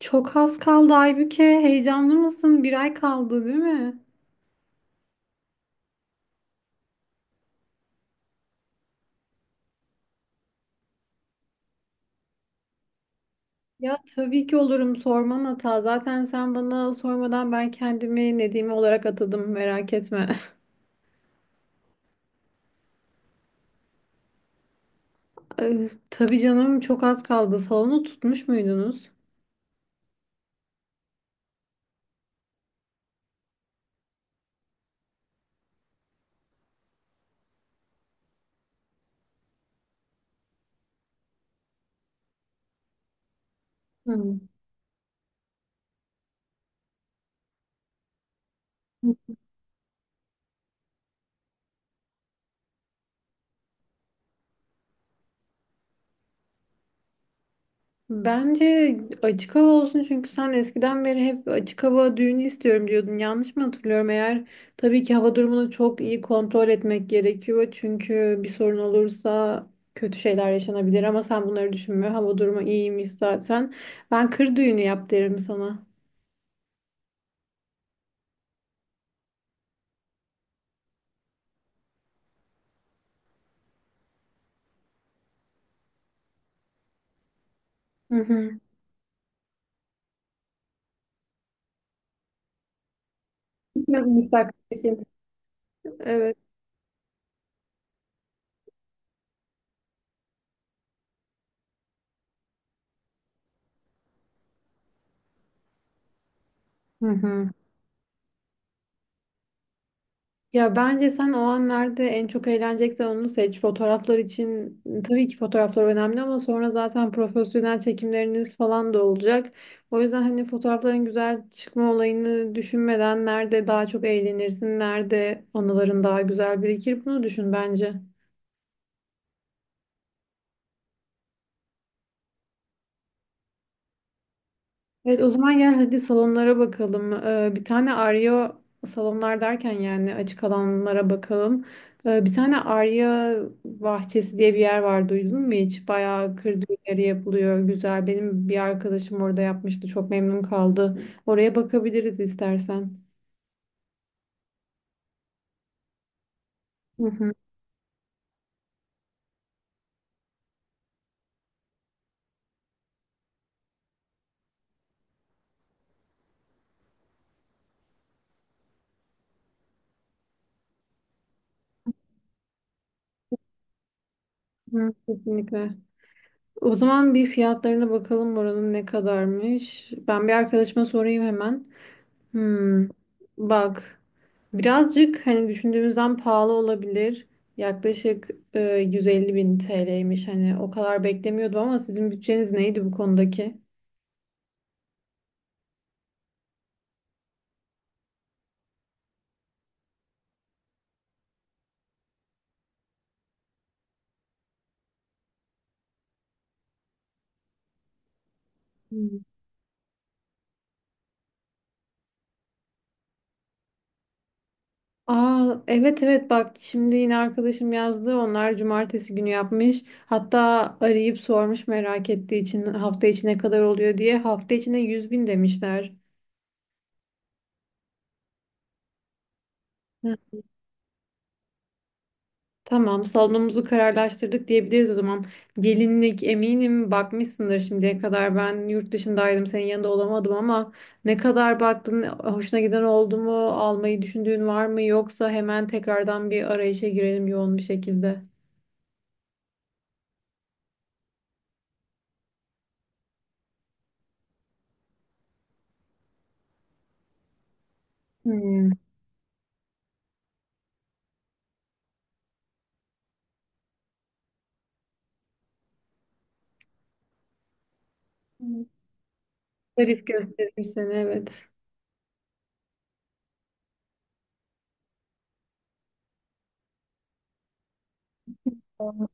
Çok az kaldı Aybüke. Heyecanlı mısın? Bir ay kaldı, değil mi? Ya tabii ki olurum. Sorman hata. Zaten sen bana sormadan ben kendimi Nedime olarak atadım. Merak etme. Tabii canım, çok az kaldı. Salonu tutmuş muydunuz? Hı. Bence açık hava olsun çünkü sen eskiden beri hep "açık hava düğünü istiyorum" diyordun. Yanlış mı hatırlıyorum? Eğer tabii ki hava durumunu çok iyi kontrol etmek gerekiyor. Çünkü bir sorun olursa kötü şeyler yaşanabilir ama sen bunları düşünme. Hava durumu iyiymiş zaten. Ben kır düğünü yap derim sana. Hı hı. Bilmiyordum müstakil. Eşim. Evet. Hı hı. Ya bence sen o anlarda en çok eğleneceksen onu seç. Fotoğraflar için tabii ki fotoğraflar önemli ama sonra zaten profesyonel çekimleriniz falan da olacak. O yüzden hani fotoğrafların güzel çıkma olayını düşünmeden nerede daha çok eğlenirsin, nerede anıların daha güzel birikir, bunu düşün bence. Evet, o zaman gel hadi salonlara bakalım. Bir tane Arya salonlar derken yani açık alanlara bakalım. Bir tane Arya bahçesi diye bir yer var, duydun mu hiç? Bayağı kır düğünleri yapılıyor. Güzel. Benim bir arkadaşım orada yapmıştı. Çok memnun kaldı. Oraya bakabiliriz istersen. Hı hı. Hı, kesinlikle. O zaman bir fiyatlarına bakalım oranın ne kadarmış. Ben bir arkadaşıma sorayım hemen. Hmm, Bak, birazcık hani düşündüğümüzden pahalı olabilir. Yaklaşık 150 bin TL'ymiş, hani o kadar beklemiyordum ama sizin bütçeniz neydi bu konudaki? Hmm. Aa, evet evet, bak şimdi yine arkadaşım yazdı, onlar cumartesi günü yapmış, hatta arayıp sormuş merak ettiği için hafta içi ne kadar oluyor diye, hafta içine 100 bin demişler. Tamam, salonumuzu kararlaştırdık diyebiliriz o zaman. Gelinlik eminim bakmışsındır şimdiye kadar. Ben yurt dışındaydım, senin yanında olamadım ama ne kadar baktın, hoşuna giden oldu mu, almayı düşündüğün var mı, yoksa hemen tekrardan bir arayışa girelim yoğun bir şekilde. Hmm. Zarif gösterir seni, evet. Hı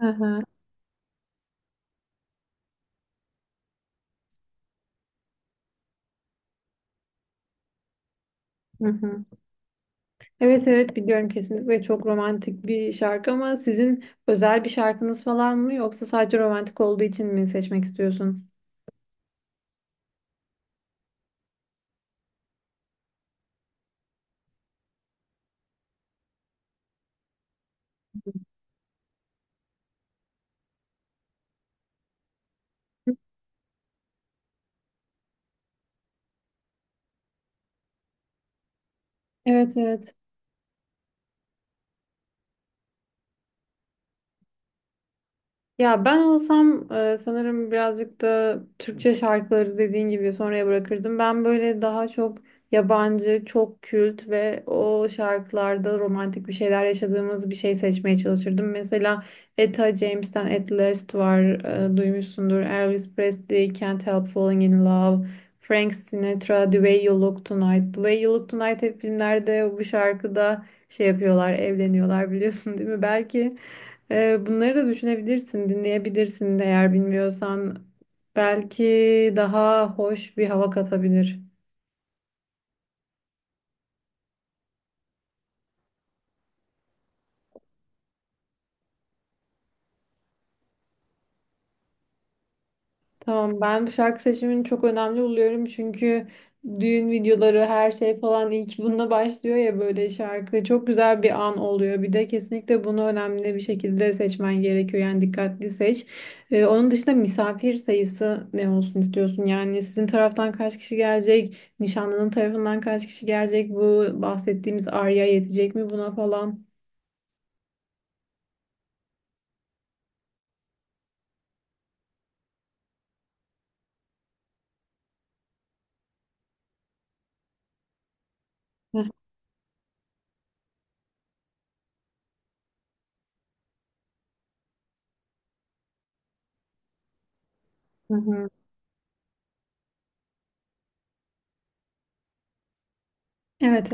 hı, hı hı. Evet evet biliyorum, kesinlikle çok romantik bir şarkı ama sizin özel bir şarkınız falan mı, yoksa sadece romantik olduğu için mi seçmek istiyorsun? Evet evet. Ya ben olsam, sanırım birazcık da Türkçe şarkıları dediğin gibi sonraya bırakırdım. Ben böyle daha çok yabancı, çok kült ve o şarkılarda romantik bir şeyler yaşadığımız bir şey seçmeye çalışırdım. Mesela Etta James'ten At Last var, duymuşsundur. Elvis Presley, Can't Help Falling in Love. Frank Sinatra, The Way You Look Tonight. The Way You Look Tonight hep filmlerde bu şarkıda şey yapıyorlar, evleniyorlar, biliyorsun değil mi? Belki bunları da düşünebilirsin, dinleyebilirsin de eğer bilmiyorsan. Belki daha hoş bir hava katabilir. Tamam, ben bu şarkı seçimini çok önemli buluyorum çünkü düğün videoları, her şey falan ilk bununla başlıyor ya, böyle şarkı çok güzel bir an oluyor. Bir de kesinlikle bunu önemli bir şekilde seçmen gerekiyor, yani dikkatli seç. Onun dışında misafir sayısı ne olsun istiyorsun, yani sizin taraftan kaç kişi gelecek, nişanlının tarafından kaç kişi gelecek, bu bahsettiğimiz arya yetecek mi buna falan. Hı hı. Evet.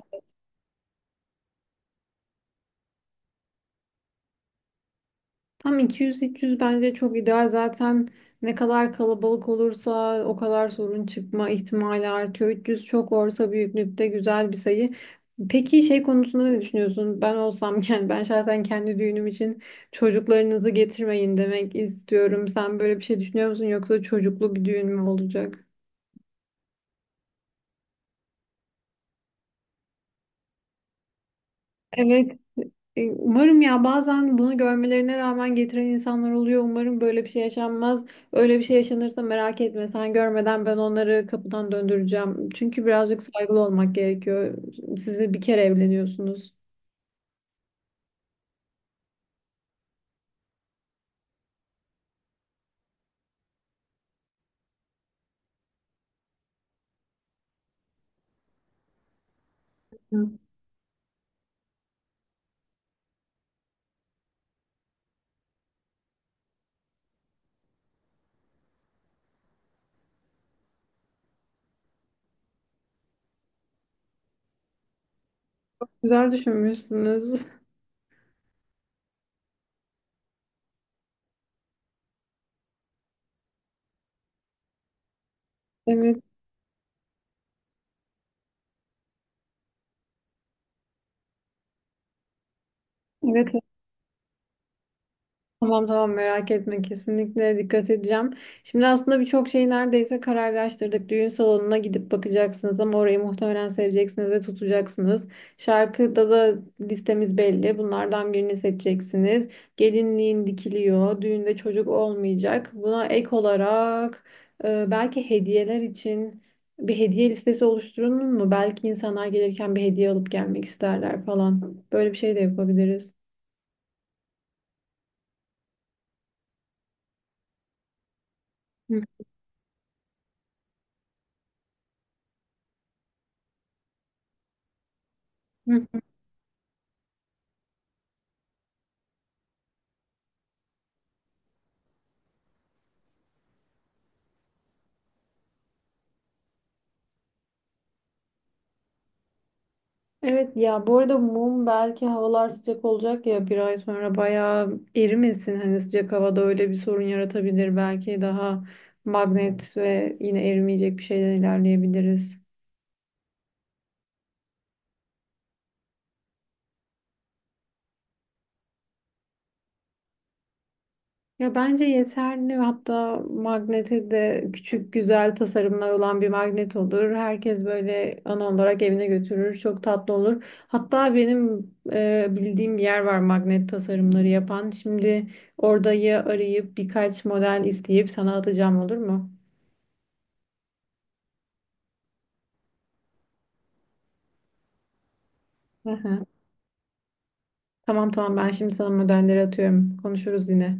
Tam 200-300 bence çok ideal. Zaten ne kadar kalabalık olursa o kadar sorun çıkma ihtimali artıyor. 300 çok orta büyüklükte güzel bir sayı. Peki şey konusunda ne düşünüyorsun? Ben olsam yani ben şahsen kendi düğünüm için çocuklarınızı getirmeyin demek istiyorum. Sen böyle bir şey düşünüyor musun, yoksa çocuklu bir düğün mü olacak? Umarım ya, bazen bunu görmelerine rağmen getiren insanlar oluyor. Umarım böyle bir şey yaşanmaz. Öyle bir şey yaşanırsa merak etme. Sen görmeden ben onları kapıdan döndüreceğim. Çünkü birazcık saygılı olmak gerekiyor. Sizi bir kere evleniyorsunuz. Hı. Güzel düşünmüşsünüz. Evet. Evet. Tamam tamam, merak etme, kesinlikle dikkat edeceğim. Şimdi aslında birçok şeyi neredeyse kararlaştırdık. Düğün salonuna gidip bakacaksınız ama orayı muhtemelen seveceksiniz ve tutacaksınız. Şarkıda da listemiz belli. Bunlardan birini seçeceksiniz. Gelinliğin dikiliyor. Düğünde çocuk olmayacak. Buna ek olarak belki hediyeler için bir hediye listesi oluşturulur mu? Belki insanlar gelirken bir hediye alıp gelmek isterler falan. Böyle bir şey de yapabiliriz. Hı. Hı. Evet ya, bu arada mum, belki havalar sıcak olacak ya, bir ay sonra bayağı erimesin hani, sıcak havada öyle bir sorun yaratabilir, belki daha magnet ve yine erimeyecek bir şeyden ilerleyebiliriz. Ya bence yeterli, hatta magnete de küçük güzel tasarımlar olan bir magnet olur. Herkes böyle ana olarak evine götürür. Çok tatlı olur. Hatta benim bildiğim bir yer var magnet tasarımları yapan. Şimdi orayı arayıp birkaç model isteyip sana atacağım, olur mu? Hı hı. Tamam tamam, ben şimdi sana modelleri atıyorum. Konuşuruz yine.